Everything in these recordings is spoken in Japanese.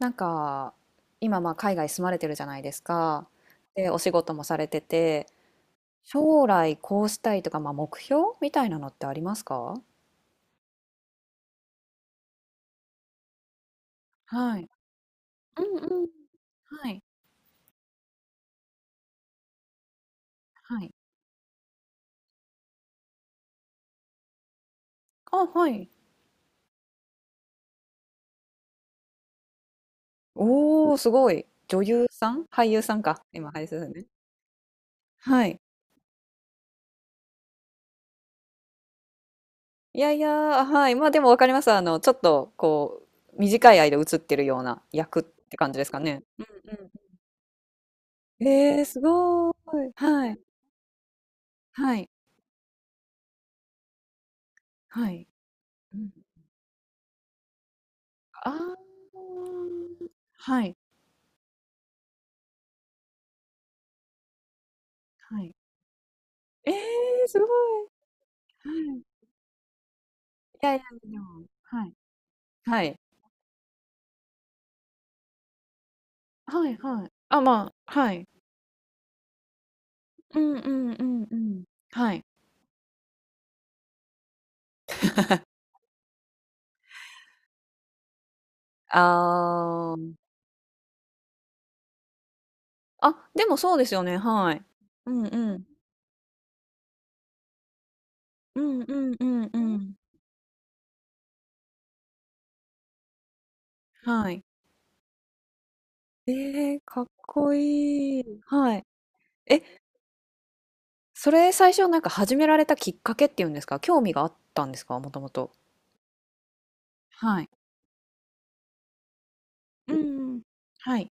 なんか今まあ海外住まれてるじゃないですか。で、お仕事もされてて、将来こうしたいとか、まあ、目標みたいなのってありますか？はい。うんうん。はい。はい。あ、はい。おー、すごい。女優さん俳優さんか。今、俳優さんね。はい。いやいや、はい。まあでもわかります。あの、ちょっと、こう、短い間映ってるような役って感じですかね。うんうん。えー、すごーい。はい。はい。はい。うんああ。はい、はい。ええ、すごい。はい。いやいや、でもはい、はい。はいはい。あ、まあ、はい。うんうんうんうん。はい。ああ。あ、でもそうですよね、はい。うんうん。うんうんうんうん。はい。えーかっこいい。はい。え、それ最初なんか始められたきっかけっていうんですか、興味があったんですか？もともと。はい。うんうん。はい。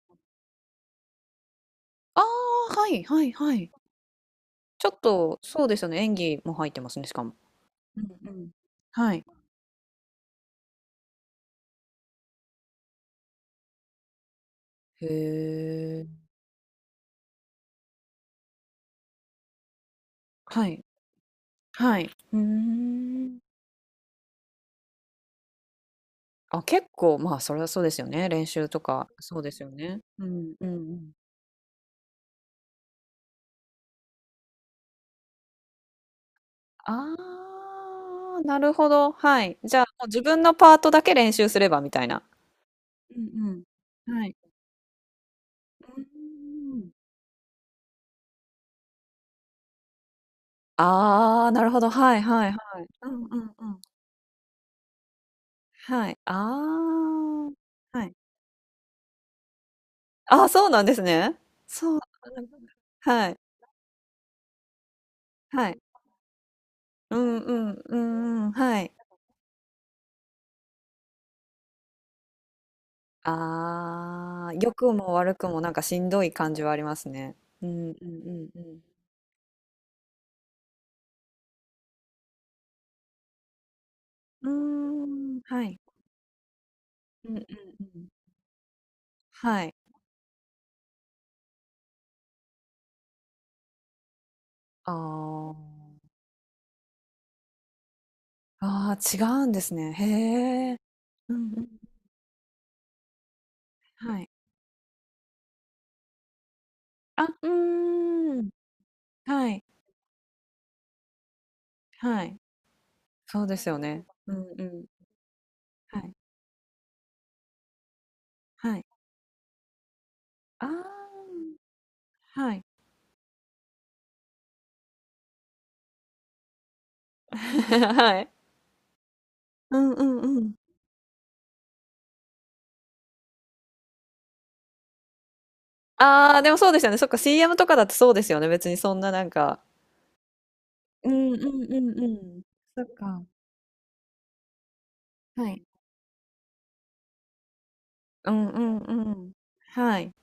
ああ、はいはいはい。ちょっと、そうですよね、演技も入ってますね、しかも。うんうん。はい。へえ。はい。はい。うーん。あ、結構、まあ、それはそうですよね。練習とか、そうですよね。うんうんうん。ああ、なるほど。はい。じゃあ、もう自分のパートだけ練習すればみたいな。うんうん。はい。うーん。ああ、なるほど。はいはいはい。うんうんうん。はい。ああ。はい。あ、そうなんですね。そう。はい。はい。うんうんうんうん。はい。ああ、良くも悪くもなんかしんどい感じはありますね。うんうんうんうん。うーん、はい。うんうんうん。はい。ああ。ああ、違うんですね。へえ。うんうん。はい。あ、うーん。はい。はい。そうですよね。うんうん。はい。はい。ああ、はい。はい。うんうんうん。ああ、でもそうですよね。そっか、CM とかだとそうですよね。別にそんななんか。うんうんうんうん。そっか。はい。うんうんうん。はい。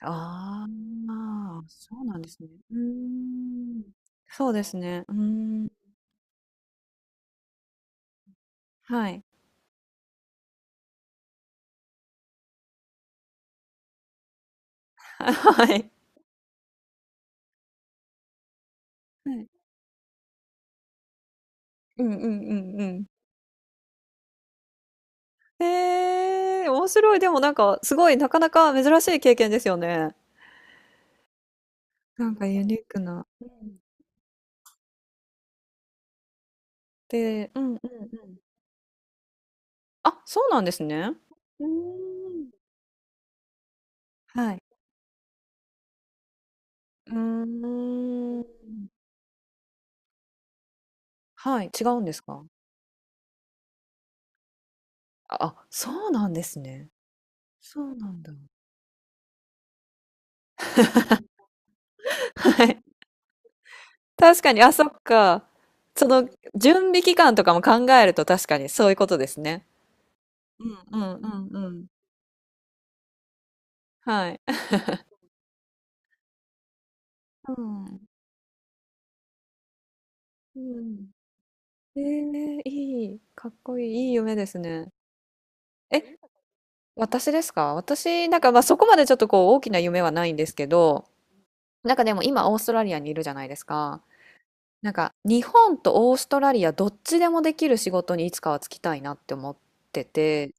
ああ、そうなんですね。うーん。そうですね。うーん。はい。はい。はい。うんうんうんうん。へえ、面白い。でもなんか、すごい、なかなか珍しい経験ですよね。なんかユニークな。うん。でうんうんうん。あ、そうなんですね。うーん。はい。うーん。はい、違うんですか？あ、あ、そうなんですね。そうなんだ。はい。確かに、あ、そっか。その、準備期間とかも考えると確かにそういうことですね。うんうんうんうん。はい。うん。うん。えーいい、かっこいい、いい夢ですね。え、私ですか？私、なんか、ま、そこまでちょっとこう大きな夢はないんですけど、なんかでも今オーストラリアにいるじゃないですか。なんか日本とオーストラリアどっちでもできる仕事にいつかは就きたいなって思ってて、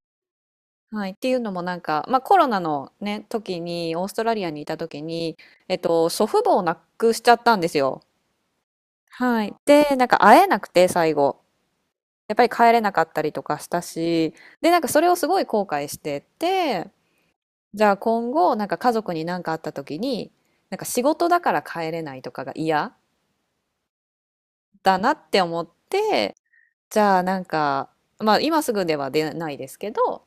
はい、っていうのもなんか、まあ、コロナのね時にオーストラリアにいた時に、祖父母を亡くしちゃったんですよ。はい、でなんか会えなくて最後やっぱり帰れなかったりとかしたし、でなんかそれをすごい後悔してて、じゃあ今後なんか家族に何かあった時になんか仕事だから帰れないとかが嫌だなって思って。じゃあなんか、まあ今すぐでは出ないですけど、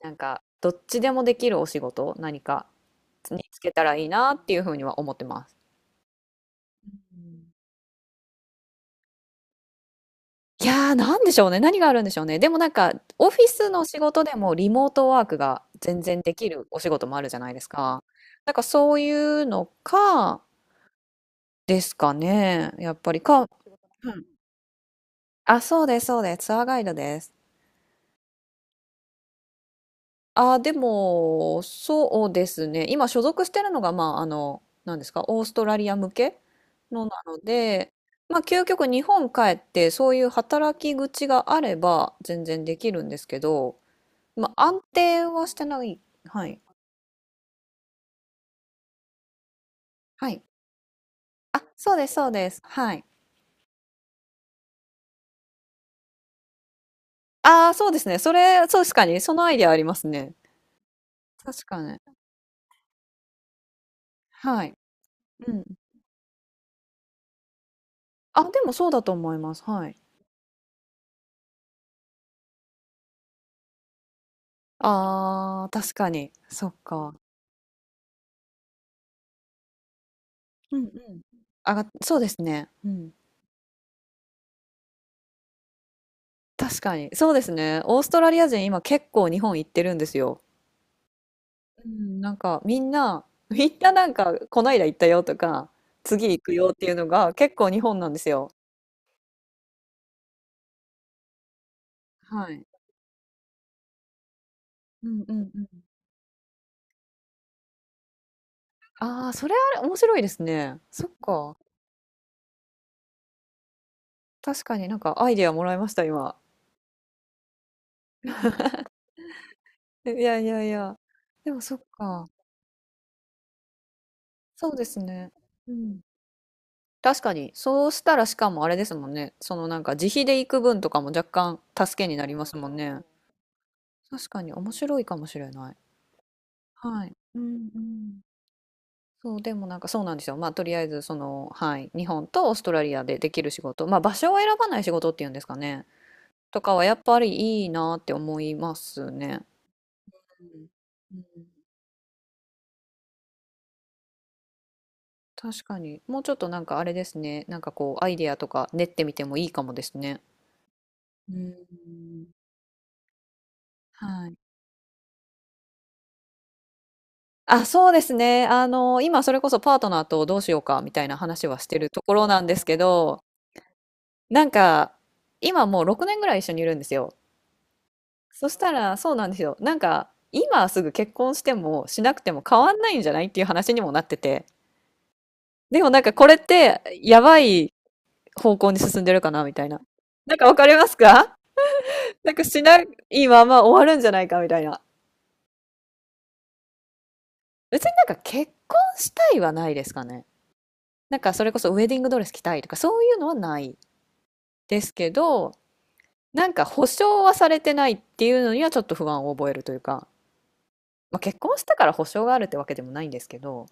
なんかどっちでもできるお仕事、何かにつけたらいいなっていうふうには思ってます。いやー、なんでしょうね。何があるんでしょうね。でもなんか、オフィスの仕事でもリモートワークが全然できるお仕事もあるじゃないですか。なんかそういうのか、ですかね。やっぱりか、うんあ、そうです、そうです。ツアーガイドです。ああ、でも、そうですね。今所属してるのが、まあ、あの、何ですか、オーストラリア向けのなので、まあ、究極日本帰って、そういう働き口があれば、全然できるんですけど、まあ、安定はしてない。はい。はい。あ、そうです、そうです。はい。ああ、そうですね。それ、そう確かに、そのアイデアありますね。確かに。はい。うん。あ、でもそうだと思います。はい。ああ、確かに。そっか。うんうん。あがそうですね。うん。確かに。そうですね。オーストラリア人、今結構日本行ってるんですよ。うん、なんかみんな、みんななんか、こないだ行ったよとか、次行くよっていうのが結構日本なんですよ。はい。うんうんうん。ああ、それあれ面白いですね。そっか。確かになんかアイデアもらいました、今。いやいやいや。でもそっか。そうですね。うん。確かに。そうしたらしかもあれですもんね。そのなんか自費で行く分とかも若干助けになりますもんね。確かに面白いかもしれない。はい。うんうん。そう、でもなんかそうなんですよ。まあとりあえずその、はい、日本とオーストラリアでできる仕事、まあ場所を選ばない仕事っていうんですかね。とかはやっぱりいいなって思いますね。うんうん確かに。もうちょっとなんかあれですね。なんかこうアイデアとか練ってみてもいいかもですね。うん。はい。あ、そうですね。あの、今それこそパートナーとどうしようかみたいな話はしてるところなんですけど、なんか、今もう6年ぐらい一緒にいるんですよ。そしたら、そうなんですよ。なんか、今すぐ結婚してもしなくても変わんないんじゃないっていう話にもなってて。でもなんかこれってやばい方向に進んでるかなみたいな。なんかわかりますか？ なんかしないまま終わるんじゃないかみたいな。別になんか結婚したいはないですかね。なんかそれこそウェディングドレス着たいとかそういうのはないですけど、なんか保証はされてないっていうのにはちょっと不安を覚えるというか、まあ、結婚したから保証があるってわけでもないんですけど、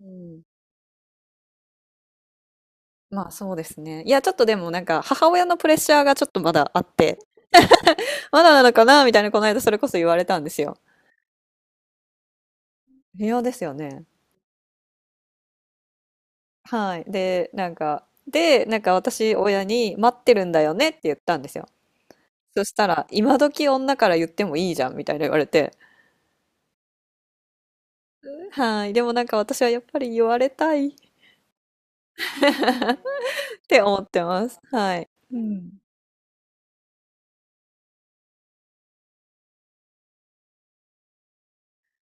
うん、まあそうですね。いや、ちょっとでもなんか母親のプレッシャーがちょっとまだあって、まだなのかなみたいなこの間それこそ言われたんですよ。微妙ですよね。はい。で、なんか私親に待ってるんだよねって言ったんですよ。そしたら、今時女から言ってもいいじゃんみたいな言われて、はい。でもなんか私はやっぱり言われたいて思ってます。はい。うん。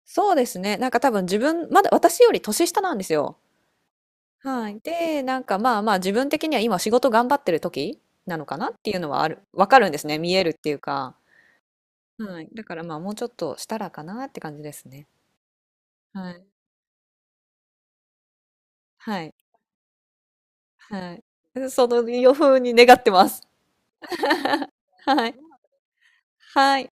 そうですね。なんか多分自分、まだ私より年下なんですよ。はい。で、なんかまあまあ自分的には今仕事頑張ってる時なのかなっていうのはある、わかるんですね。見えるっていうか。はい。だからまあもうちょっとしたらかなって感じですね。はい。はい。はい。その予風に願ってます。はい。はい。